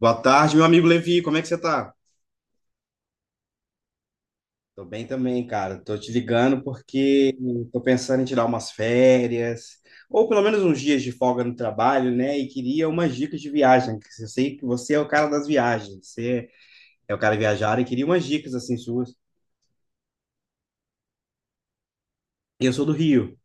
Boa tarde, meu amigo Levi, como é que você tá? Tô bem também, cara. Tô te ligando porque tô pensando em tirar umas férias, ou pelo menos uns dias de folga no trabalho, né? E queria umas dicas de viagem, que eu sei que você é o cara das viagens, você é o cara viajado e queria umas dicas assim suas. E eu sou do Rio.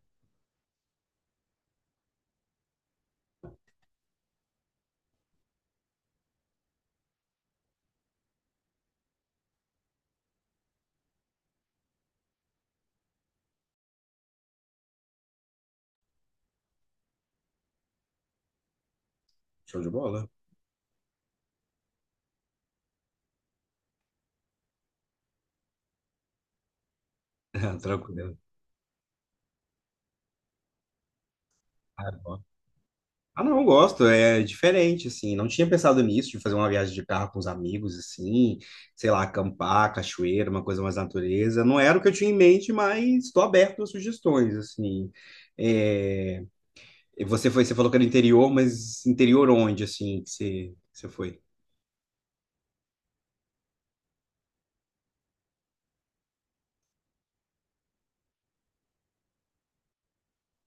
Show de bola? Tranquilo. Ah, não, eu gosto, é diferente, assim, não tinha pensado nisso, de fazer uma viagem de carro com os amigos, assim, sei lá, acampar, cachoeira, uma coisa mais natureza, não era o que eu tinha em mente, mas estou aberto a sugestões, assim, é... e você foi, você falou que era interior, mas interior onde, assim, que você foi?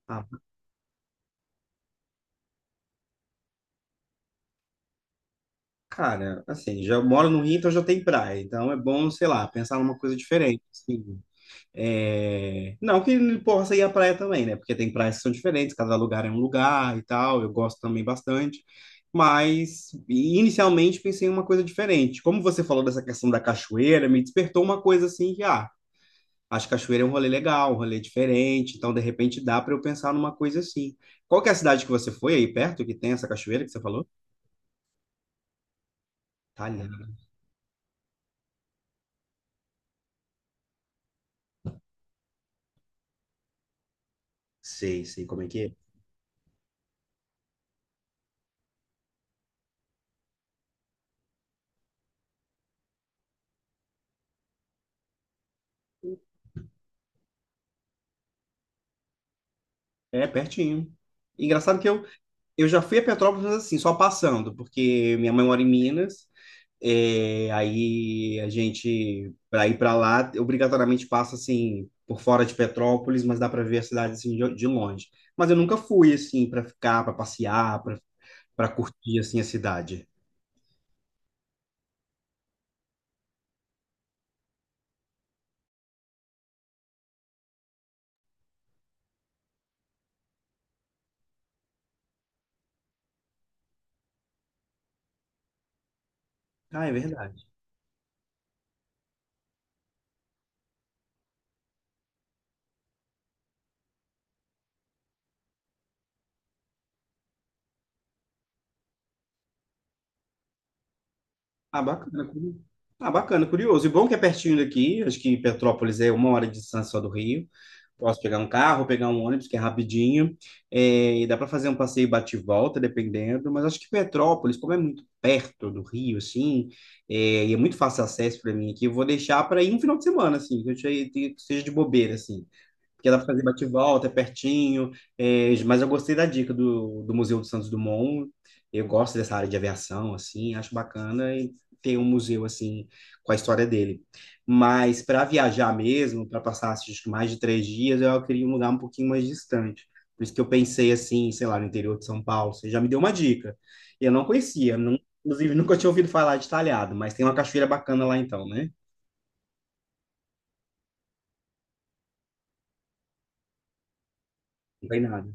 Ah, cara, assim, já moro no Rio, então já tem praia, então é bom, sei lá, pensar numa coisa diferente, assim. É, não que ele possa ir à praia também, né? Porque tem praias que são diferentes, cada lugar é um lugar e tal. Eu gosto também bastante. Mas inicialmente pensei em uma coisa diferente. Como você falou dessa questão da cachoeira, me despertou uma coisa assim que, ah, acho que cachoeira é um rolê legal, um rolê diferente. Então, de repente, dá para eu pensar numa coisa assim. Qual que é a cidade que você foi aí perto, que tem essa cachoeira que você falou? Talhão. Sei, sei como é que é. É, pertinho. Engraçado que eu já fui a Petrópolis, mas assim, só passando, porque minha mãe mora em Minas. É, aí a gente, para ir para lá, obrigatoriamente passa assim por fora de Petrópolis, mas dá para ver a cidade assim de longe. Mas eu nunca fui assim para ficar, para passear, para curtir assim a cidade. Ah, é verdade. Ah, bacana. curi- Ah, bacana, curioso. E bom que é pertinho daqui. Acho que Petrópolis é uma hora de distância só do Rio. Posso pegar um carro, pegar um ônibus, que é rapidinho. É, e dá para fazer um passeio bate e volta, dependendo. Mas acho que Petrópolis, como é muito perto do Rio, assim, e é muito fácil acesso para mim aqui, eu vou deixar para ir um final de semana, assim, que seja de bobeira, assim. Porque dá para fazer bate-volta, é pertinho. Mas eu gostei da dica do Museu do Santos Dumont. Eu gosto dessa área de aviação, assim, acho bacana e ter um museu assim com a história dele. Mas para viajar mesmo, para passar acho que mais de 3 dias, eu queria um lugar um pouquinho mais distante. Por isso que eu pensei assim, sei lá, no interior de São Paulo. Você já me deu uma dica. Eu não conhecia, inclusive nunca tinha ouvido falar de Talhado, mas tem uma cachoeira bacana lá então, né? Não tem nada.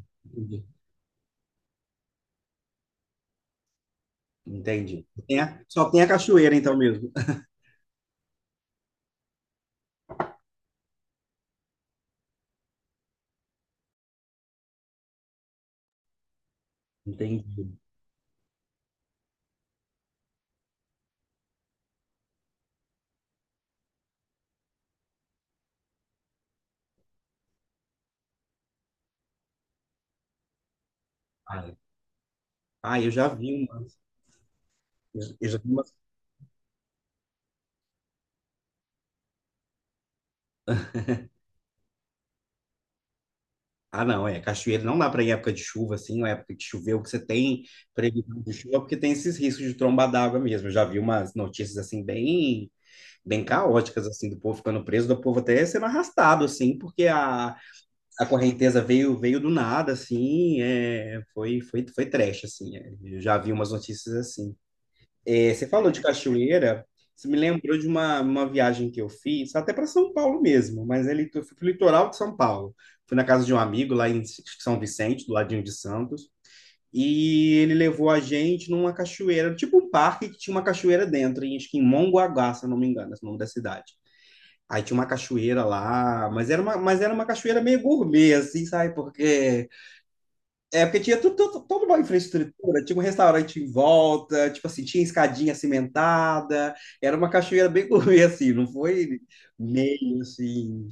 Entendi. Só tem a cachoeira, então, mesmo. Entendi. Ah, ah, eu já vi umas. Eu já vi umas. Ah, não, é. Cachoeira não dá para ir em época de chuva, assim, ou época que choveu, que você tem previsão de chuva, porque tem esses riscos de tromba d'água mesmo. Eu já vi umas notícias, assim, bem caóticas, assim, do povo ficando preso, do povo até sendo arrastado, assim, porque a correnteza veio do nada, assim, foi trash, assim. É. Eu já vi umas notícias assim. É, você falou de cachoeira, isso me lembrou de uma viagem que eu fiz, até para São Paulo mesmo, mas ele, eu fui para o litoral de São Paulo. Fui na casa de um amigo lá em São Vicente, do ladinho de Santos, e ele levou a gente numa cachoeira, tipo um parque que tinha uma cachoeira dentro, em, acho que em Mongaguá, se eu não me engano, esse é o nome da cidade. Aí tinha uma cachoeira lá, mas era uma cachoeira meio gourmet, assim, sabe? Porque porque tinha tudo, toda uma infraestrutura, tinha um restaurante em volta, tipo assim, tinha escadinha cimentada, era uma cachoeira bem gourmet, assim, não foi meio assim.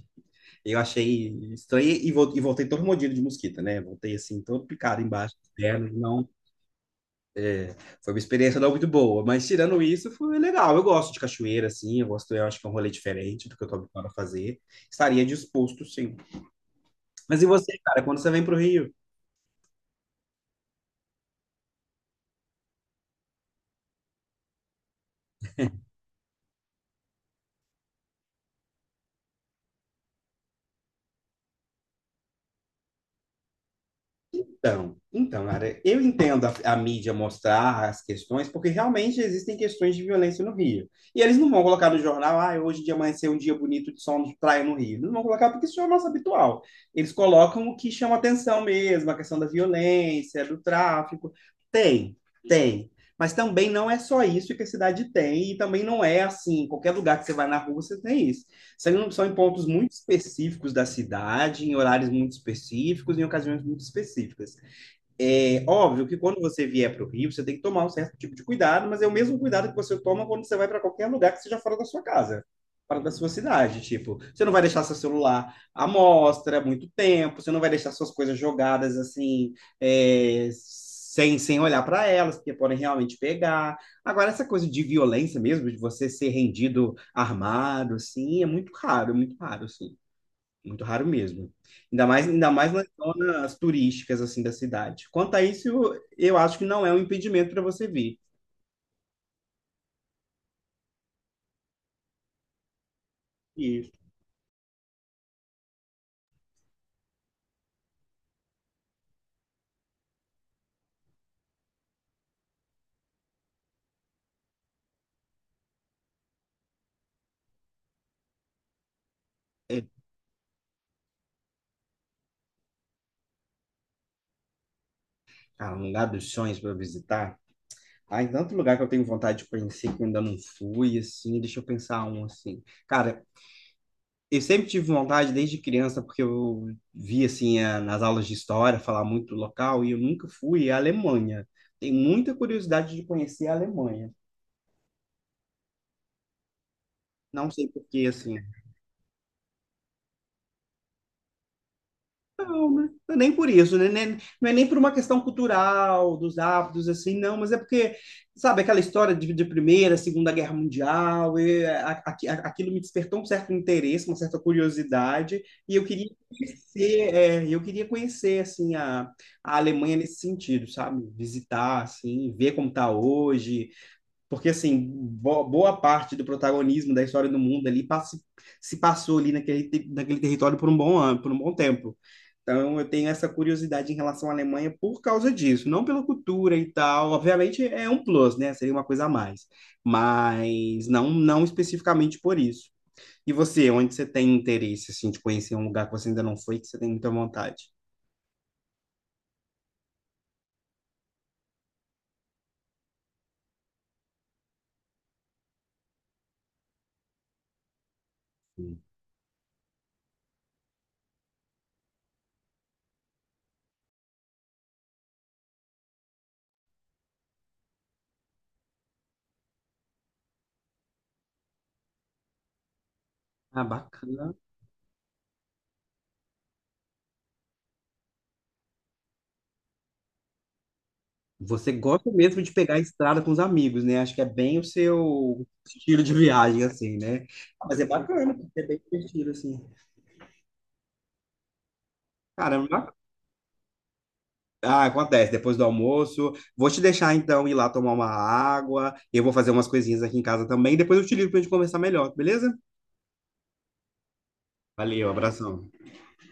Eu achei estranho e e voltei todo mordido de mosquito, né? Voltei assim, todo picado embaixo das pernas, não. Foi uma experiência não muito boa, mas tirando isso, foi legal. Eu gosto de cachoeira, assim, eu gosto, eu acho que é um rolê diferente do que eu tô habituado a fazer. Estaria disposto, sim. Mas e você, cara, quando você vem pro Rio? Então, Lara, eu entendo a mídia mostrar as questões, porque realmente existem questões de violência no Rio. E eles não vão colocar no jornal, ah, hoje de amanhecer um dia bonito de sol de praia no Rio. Não vão colocar porque isso é o nosso habitual. Eles colocam o que chama atenção mesmo, a questão da violência, do tráfico. Tem, tem. Mas também não é só isso que a cidade tem, e também não é assim, qualquer lugar que você vai na rua você tem isso. São em pontos muito específicos da cidade, em horários muito específicos, em ocasiões muito específicas. É óbvio que quando você vier para o Rio, você tem que tomar um certo tipo de cuidado, mas é o mesmo cuidado que você toma quando você vai para qualquer lugar que seja fora da sua casa, fora da sua cidade. Tipo, você não vai deixar seu celular à mostra muito tempo, você não vai deixar suas coisas jogadas assim, sem olhar para elas, porque podem realmente pegar. Agora, essa coisa de violência mesmo, de você ser rendido armado, assim, é muito raro, assim. Muito raro mesmo. Ainda mais nas zonas turísticas assim da cidade. Quanto a isso, eu acho que não é um impedimento para você vir. Isso. É, cara, um lugar dos sonhos para visitar. Em tanto lugar que eu tenho vontade de conhecer que eu ainda não fui, assim, deixa eu pensar um assim. Cara, eu sempre tive vontade desde criança, porque eu vi assim nas aulas de história falar muito local e eu nunca fui à Alemanha. Tenho muita curiosidade de conhecer a Alemanha. Não sei por que assim. Não, né? Não é nem por isso, né? Não é nem por uma questão cultural, dos hábitos, assim, não, mas é porque, sabe, aquela história de Primeira, Segunda Guerra Mundial, e aquilo me despertou um certo interesse, uma certa curiosidade, e eu queria conhecer, assim, a Alemanha nesse sentido, sabe? Visitar, assim, ver como está hoje, porque, assim, boa parte do protagonismo da história do mundo ali se passou ali naquele, naquele território por um bom ano, por um bom tempo. Então, eu tenho essa curiosidade em relação à Alemanha por causa disso, não pela cultura e tal. Obviamente, é um plus, né? Seria uma coisa a mais. Mas não, não especificamente por isso. E você, onde você tem interesse, assim, de conhecer um lugar que você ainda não foi, que você tem muita vontade? Ah, bacana. Você gosta mesmo de pegar a estrada com os amigos, né? Acho que é bem o seu estilo de viagem, assim, né? Ah, mas é bacana, porque é bem divertido, assim. Caramba, ah, acontece, depois do almoço. Vou te deixar, então, ir lá tomar uma água. Eu vou fazer umas coisinhas aqui em casa também. Depois eu te ligo pra gente conversar melhor, beleza? Valeu, abração.